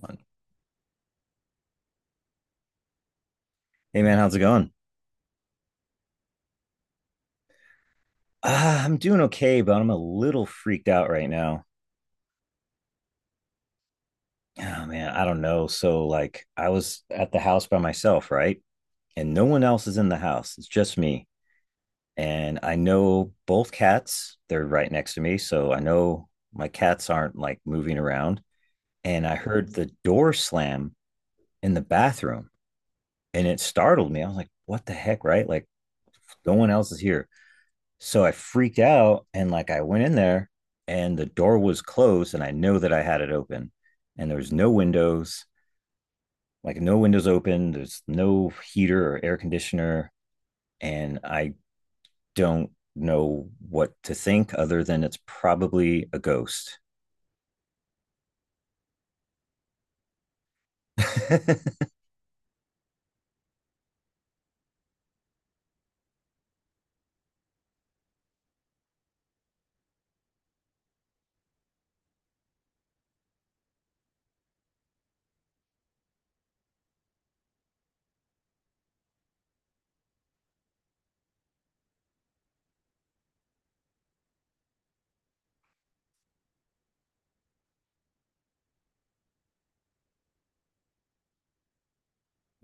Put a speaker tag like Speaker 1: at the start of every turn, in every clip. Speaker 1: One. Hey man, how's it going? I'm doing okay, but I'm a little freaked out right now. Oh man, I don't know. So like I was at the house by myself, right? And no one else is in the house. It's just me. And I know both cats, they're right next to me, so I know my cats aren't like moving around. And I heard the door slam in the bathroom and it startled me. I was like, what the heck, right? Like no one else is here. So I freaked out and like I went in there and the door was closed and I know that I had it open and there was no windows, like no windows open, there's no heater or air conditioner and I don't know what to think other than it's probably a ghost.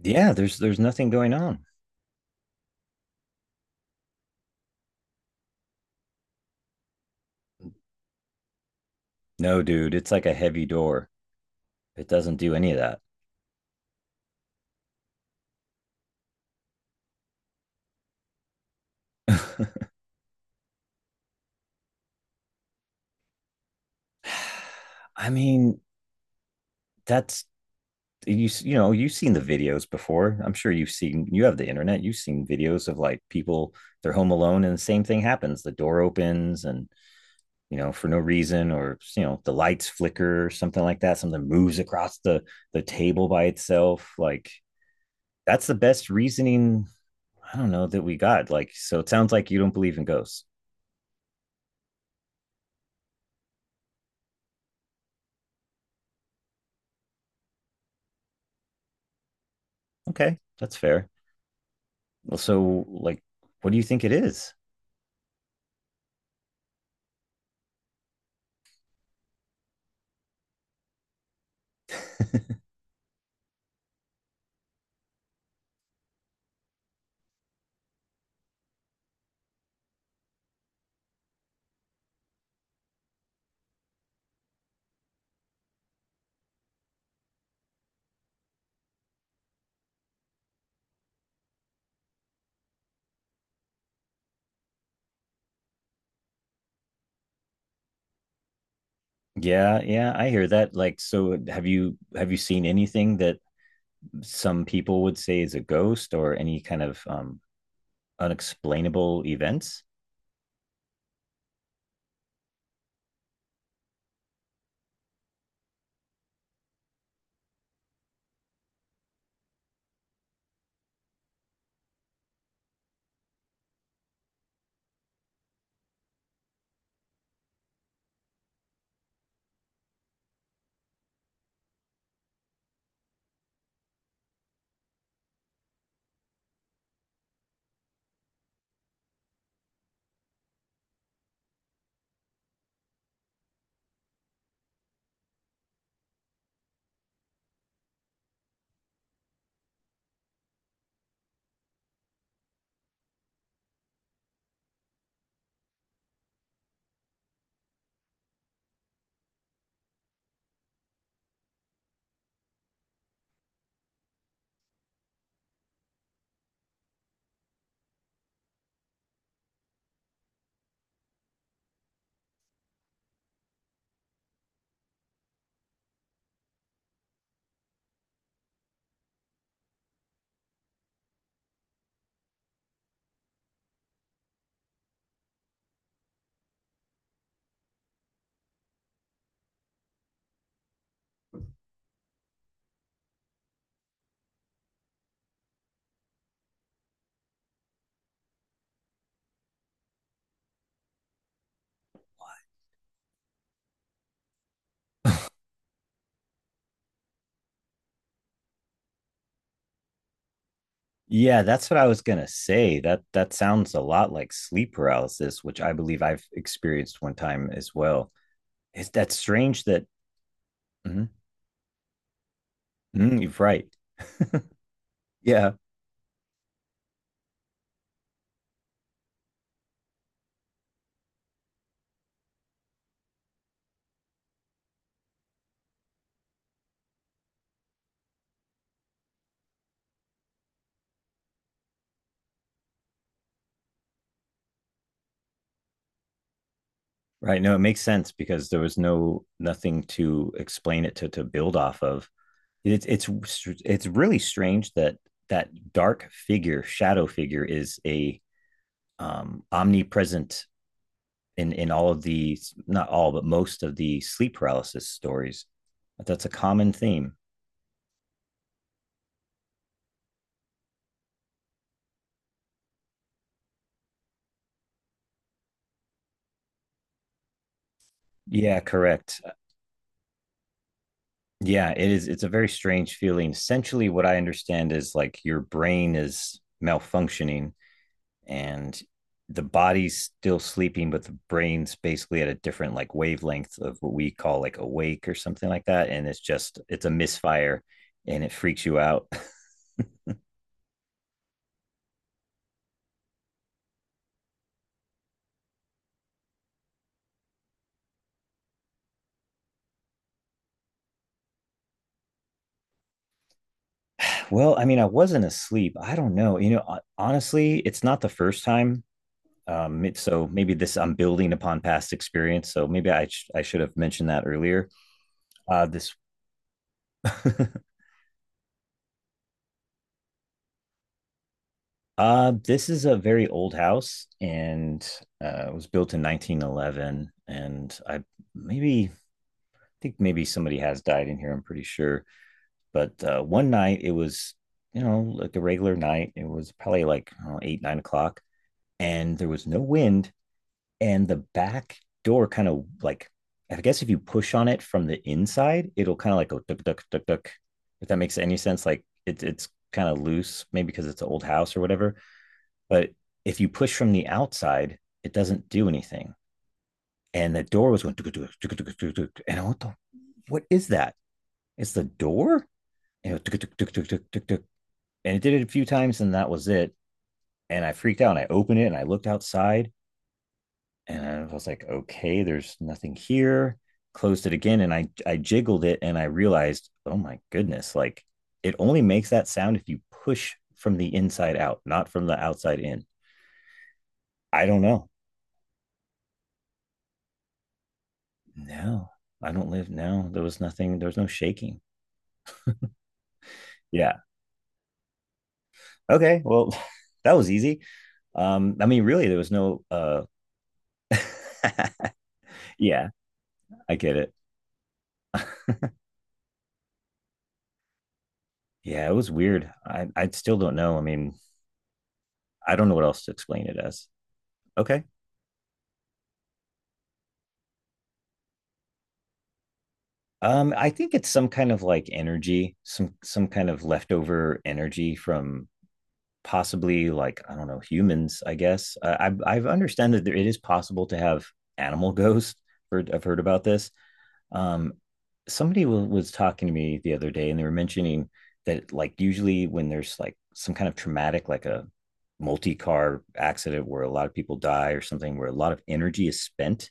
Speaker 1: Yeah, there's nothing going on. No, dude, it's like a heavy door. It doesn't do any of that. I mean, that's you know you've seen the videos before. I'm sure you've seen, you have the internet, you've seen videos of like people, they're home alone and the same thing happens. The door opens and you know for no reason, or you know the lights flicker or something like that, something moves across the table by itself. Like that's the best reasoning. I don't know that we got, like, so it sounds like you don't believe in ghosts. Okay, that's fair. Well, so like, what do you think it is? Yeah, yeah, I hear that. Like, so have you, have you seen anything that some people would say is a ghost, or any kind of unexplainable events. Yeah, that's what I was gonna say. That that sounds a lot like sleep paralysis, which I believe I've experienced one time as well. Is that strange that mhm, mhm, you're right. Yeah, right. No, it makes sense because there was no nothing to explain it, to build off of. It's it's really strange that that dark figure, shadow figure, is a omnipresent in all of the, not all but most of the sleep paralysis stories. That's a common theme. Yeah, correct. Yeah, it is. It's a very strange feeling. Essentially what I understand is like your brain is malfunctioning and the body's still sleeping, but the brain's basically at a different like wavelength of what we call like awake or something like that. And it's just, it's a misfire, and it freaks you out. Well, I mean, I wasn't asleep. I don't know. You know, honestly, it's not the first time. So maybe this, I'm building upon past experience. So maybe I should have mentioned that earlier. This this is a very old house, and it was built in 1911. And I, maybe, I think maybe somebody has died in here. I'm pretty sure. But one night it was, you know, like a regular night. It was probably like, I don't know, 8 9 o'clock, and there was no wind, and the back door kind of like, I guess if you push on it from the inside, it'll kind of like go duck duck duck duck. If that makes any sense, like it's kind of loose, maybe because it's an old house or whatever. But if you push from the outside, it doesn't do anything. And the door was going duck duck duck duck duck duck. And I went, what the, what is that? It's the door. And it, duck, duck, duck, duck, duck, duck, duck. And it did it a few times, and that was it. And I freaked out. And I opened it and I looked outside, and I was like, okay, there's nothing here. Closed it again, and I jiggled it, and I realized, oh my goodness, like it only makes that sound if you push from the inside out, not from the outside in. I don't know. No, I don't live. No, there was nothing. There was no shaking. Yeah. Okay. Well, that was easy. I mean, really, there was no. Yeah, I get it. Yeah, it was weird. I still don't know. I mean, I don't know what else to explain it as. Okay. I think it's some kind of like energy, some kind of leftover energy from, possibly, like I don't know, humans. I guess I understand that there, it is possible to have animal ghosts. Heard, I've heard about this. Um, somebody was talking to me the other day, and they were mentioning that like usually when there's like some kind of traumatic, like a multi-car accident where a lot of people die or something, where a lot of energy is spent,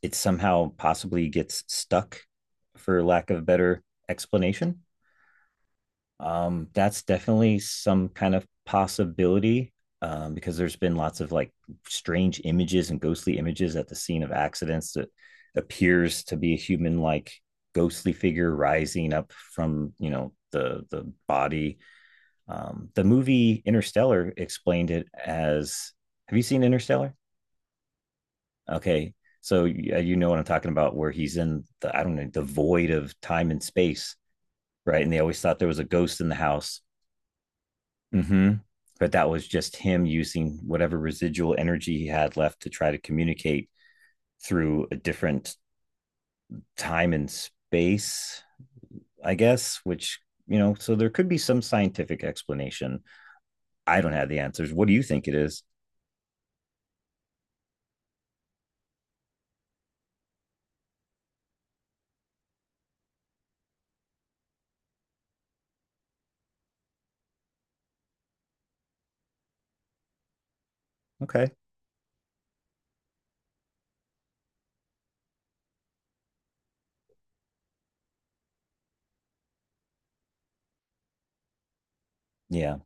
Speaker 1: it somehow possibly gets stuck, for lack of a better explanation. That's definitely some kind of possibility, because there's been lots of like strange images and ghostly images at the scene of accidents that appears to be a human like ghostly figure rising up from, you know, the body. The movie Interstellar explained it as, have you seen Interstellar? Okay. So yeah, you know what I'm talking about, where he's in the, I don't know, the void of time and space, right? And they always thought there was a ghost in the house. Mm-hmm. But that was just him using whatever residual energy he had left to try to communicate through a different time and space, I guess, which, you know, so there could be some scientific explanation. I don't have the answers. What do you think it is? Okay. Yeah.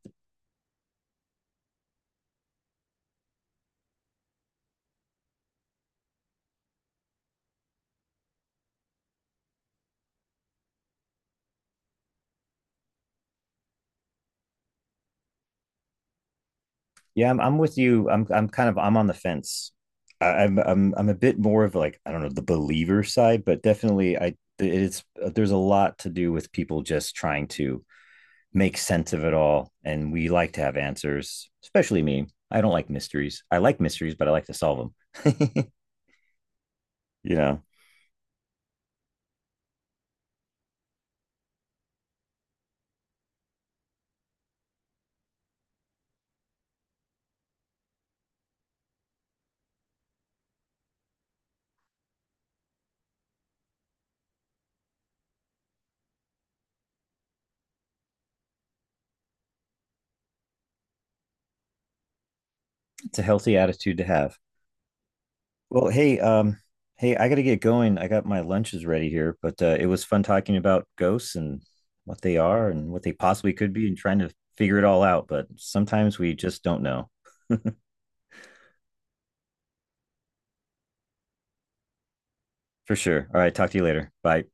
Speaker 1: Yeah, I'm with you. I'm kind of, I'm on the fence. I, I'm a bit more of like, I don't know, the believer side, but definitely, I, it's, there's a lot to do with people just trying to make sense of it all, and we like to have answers, especially me. I don't like mysteries. I like mysteries, but I like to solve them. You know, it's a healthy attitude to have. Well, hey, hey, I gotta get going. I got my lunches ready here, but it was fun talking about ghosts and what they are and what they possibly could be and trying to figure it all out. But sometimes we just don't know for sure. All right, talk to you later. Bye.